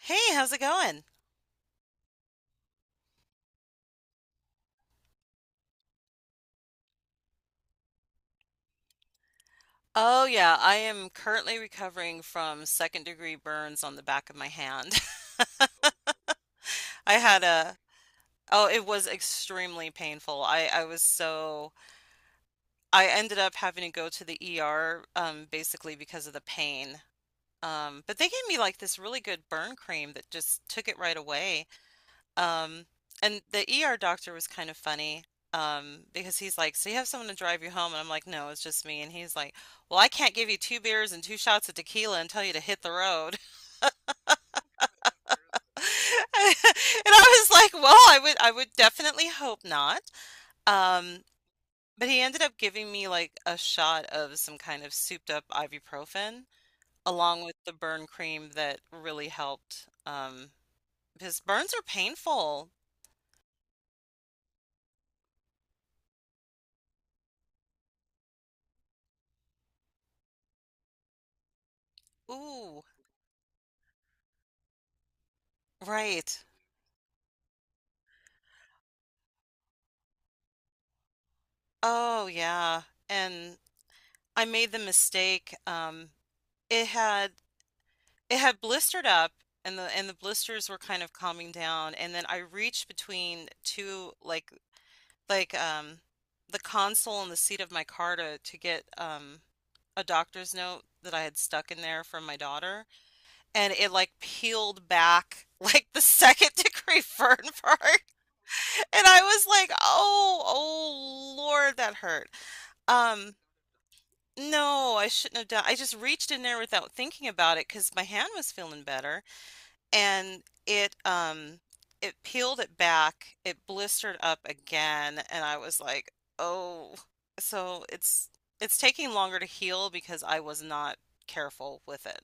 Hey, how's it going? Oh, yeah, I am currently recovering from second degree burns on the back of my hand. I had a, oh, it was extremely painful. I I ended up having to go to the ER, basically because of the pain. But they gave me like this really good burn cream that just took it right away. Um, and the ER doctor was kind of funny, because he's like, "So you have someone to drive you home?" And I'm like, "No, it's just me." And he's like, "Well, I can't give you two beers and two shots of tequila and tell you to hit the road." And I was like, "Well, I would definitely hope not." Um, but he ended up giving me like a shot of some kind of souped up ibuprofen along with the burn cream that really helped. Because burns are painful. Ooh, right. Oh, yeah, and I made the mistake, it had it had blistered up, and the blisters were kind of calming down, and then I reached between 2, like, the console and the seat of my car to get, a doctor's note that I had stuck in there from my daughter, and it, like, peeled back, like, the second-degree burn part, and I was like, "Oh, oh lord, that hurt." Um No, I shouldn't have done. I just reached in there without thinking about it because my hand was feeling better, and it peeled it back. It blistered up again, and I was like, "Oh." So it's taking longer to heal because I was not careful with it.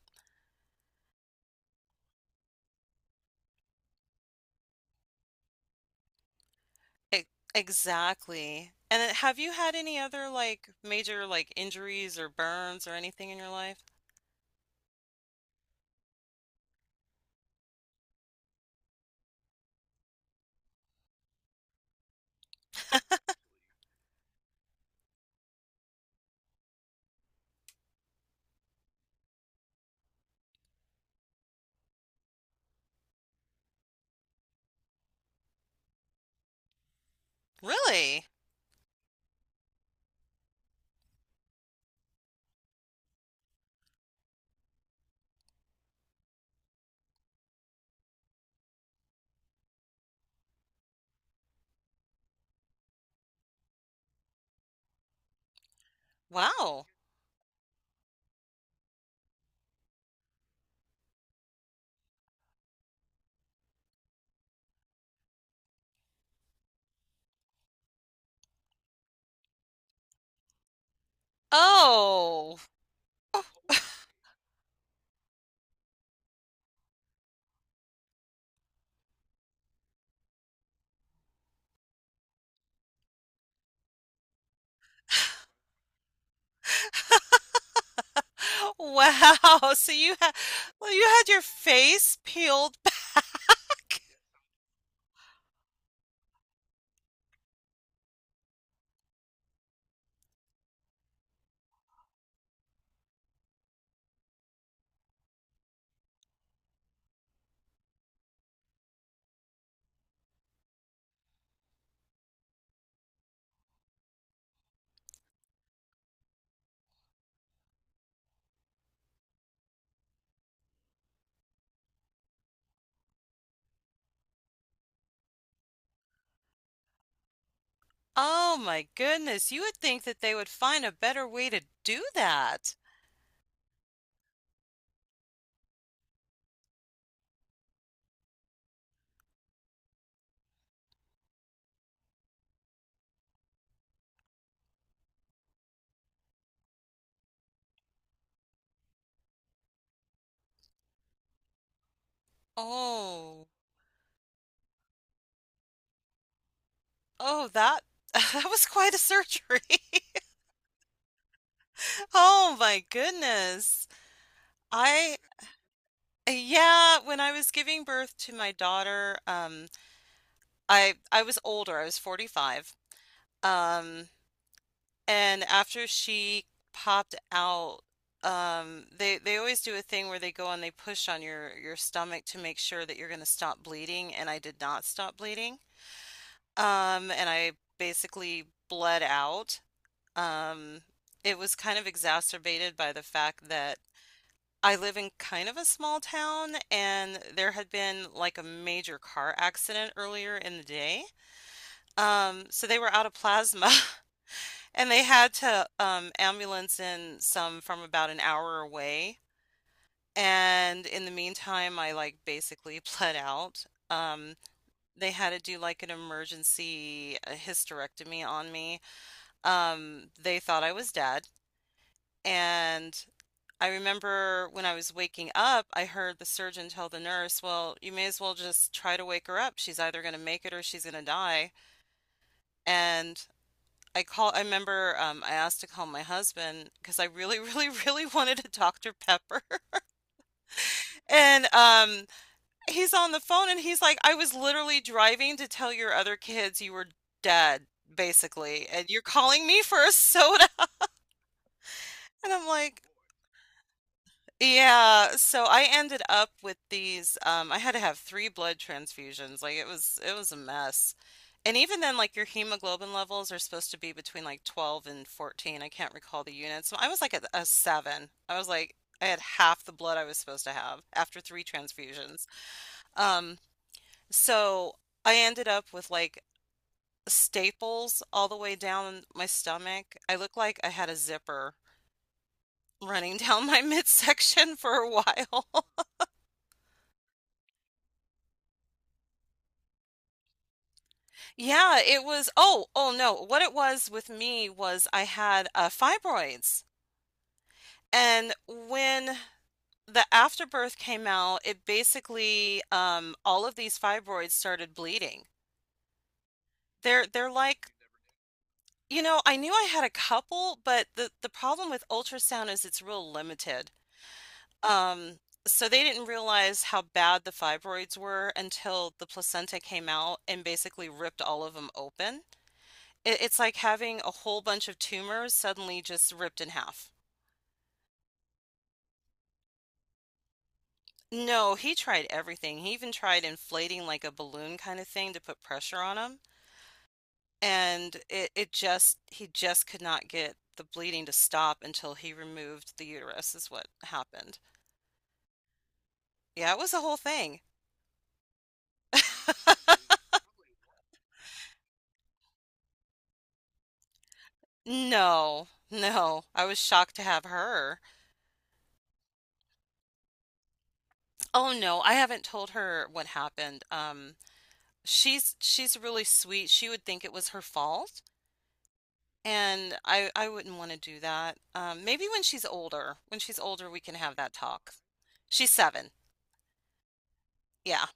E- Exactly. And then have you had any other like major like injuries or burns or anything in your life? Really? Wow. Oh. Wow. So you had your face peeled back. Oh my goodness. You would think that they would find a better way to do that. Oh. Oh, that that was quite a surgery. Oh my goodness. I yeah, when I was giving birth to my daughter, I was older. I was 45. Um And after she popped out, they always do a thing where they go and they push on your stomach to make sure that you're going to stop bleeding. And I did not stop bleeding. And I basically bled out. Um, it was kind of exacerbated by the fact that I live in kind of a small town, and there had been like a major car accident earlier in the day. So they were out of plasma. And they had to, ambulance in some from about an hour away. And in the meantime, I like basically bled out. They had to do like an emergency, hysterectomy on me. They thought I was dead. And I remember when I was waking up, I heard the surgeon tell the nurse, "Well, you may as well just try to wake her up. She's either going to make it or she's going to die." And I remember, I asked to call my husband because I really, really, really wanted a Dr. Pepper. And, he's on the phone and he's like, "I was literally driving to tell your other kids you were dead, basically, and you're calling me for a soda." And I'm like, Yeah, so I ended up with these. I had to have three blood transfusions. Like it was a mess. And even then, like, your hemoglobin levels are supposed to be between like 12 and 14. I can't recall the units. I was like a 7. I was like I had half the blood I was supposed to have after three transfusions. Um so I ended up with like staples all the way down my stomach. I looked like I had a zipper running down my midsection for a while. Yeah, it was. Oh, oh no. What it was with me was I had, fibroids. And when the afterbirth came out, it basically, all of these fibroids started bleeding. They're like, I knew I had a couple, but the problem with ultrasound is it's real limited. Um, so they didn't realize how bad the fibroids were until the placenta came out and basically ripped all of them open. It's like having a whole bunch of tumors suddenly just ripped in half. No, he tried everything. He even tried inflating like a balloon kind of thing to put pressure on him. And he just could not get the bleeding to stop until he removed the uterus, is what happened. Yeah, it was a whole thing. No, no. I was shocked to have her. Oh no, I haven't told her what happened. She's really sweet. She would think it was her fault. And I wouldn't wanna do that. Maybe when she's older. When she's older, we can have that talk. She's 7. Yeah.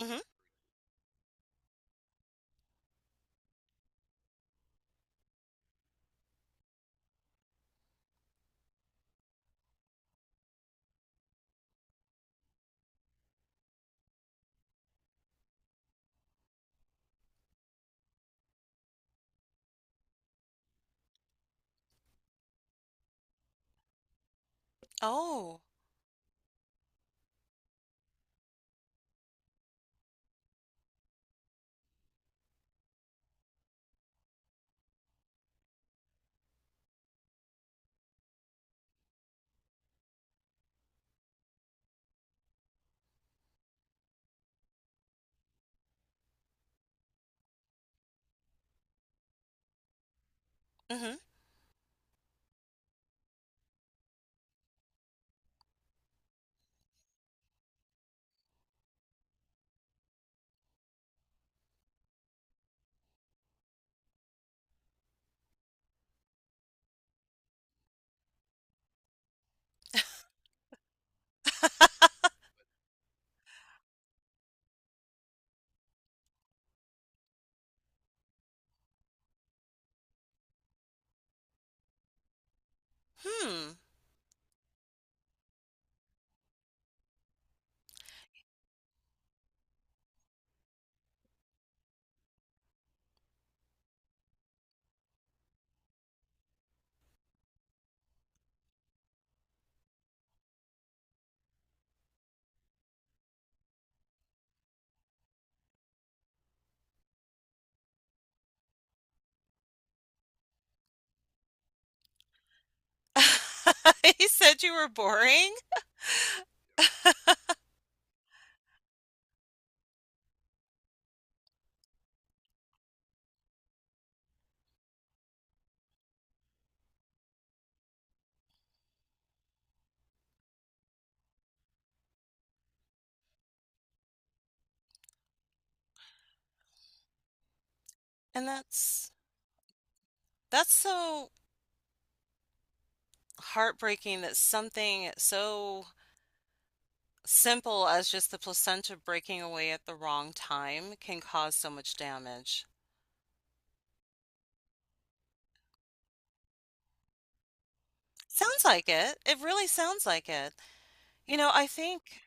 Mhm. Oh. Mhm. Hmm. He said you were boring? And that's so heartbreaking that something so simple as just the placenta breaking away at the wrong time can cause so much damage. Sounds like it. It really sounds like it. You know, I think.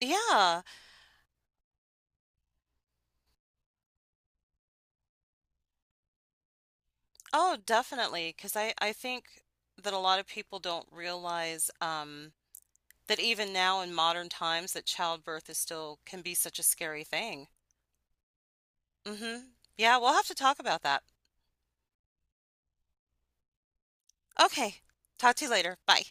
Yeah. Oh, definitely, because I think that a lot of people don't realize, that even now in modern times that childbirth is still can be such a scary thing. hmm Yeah, we'll have to talk about that. Okay, talk to you later. Bye.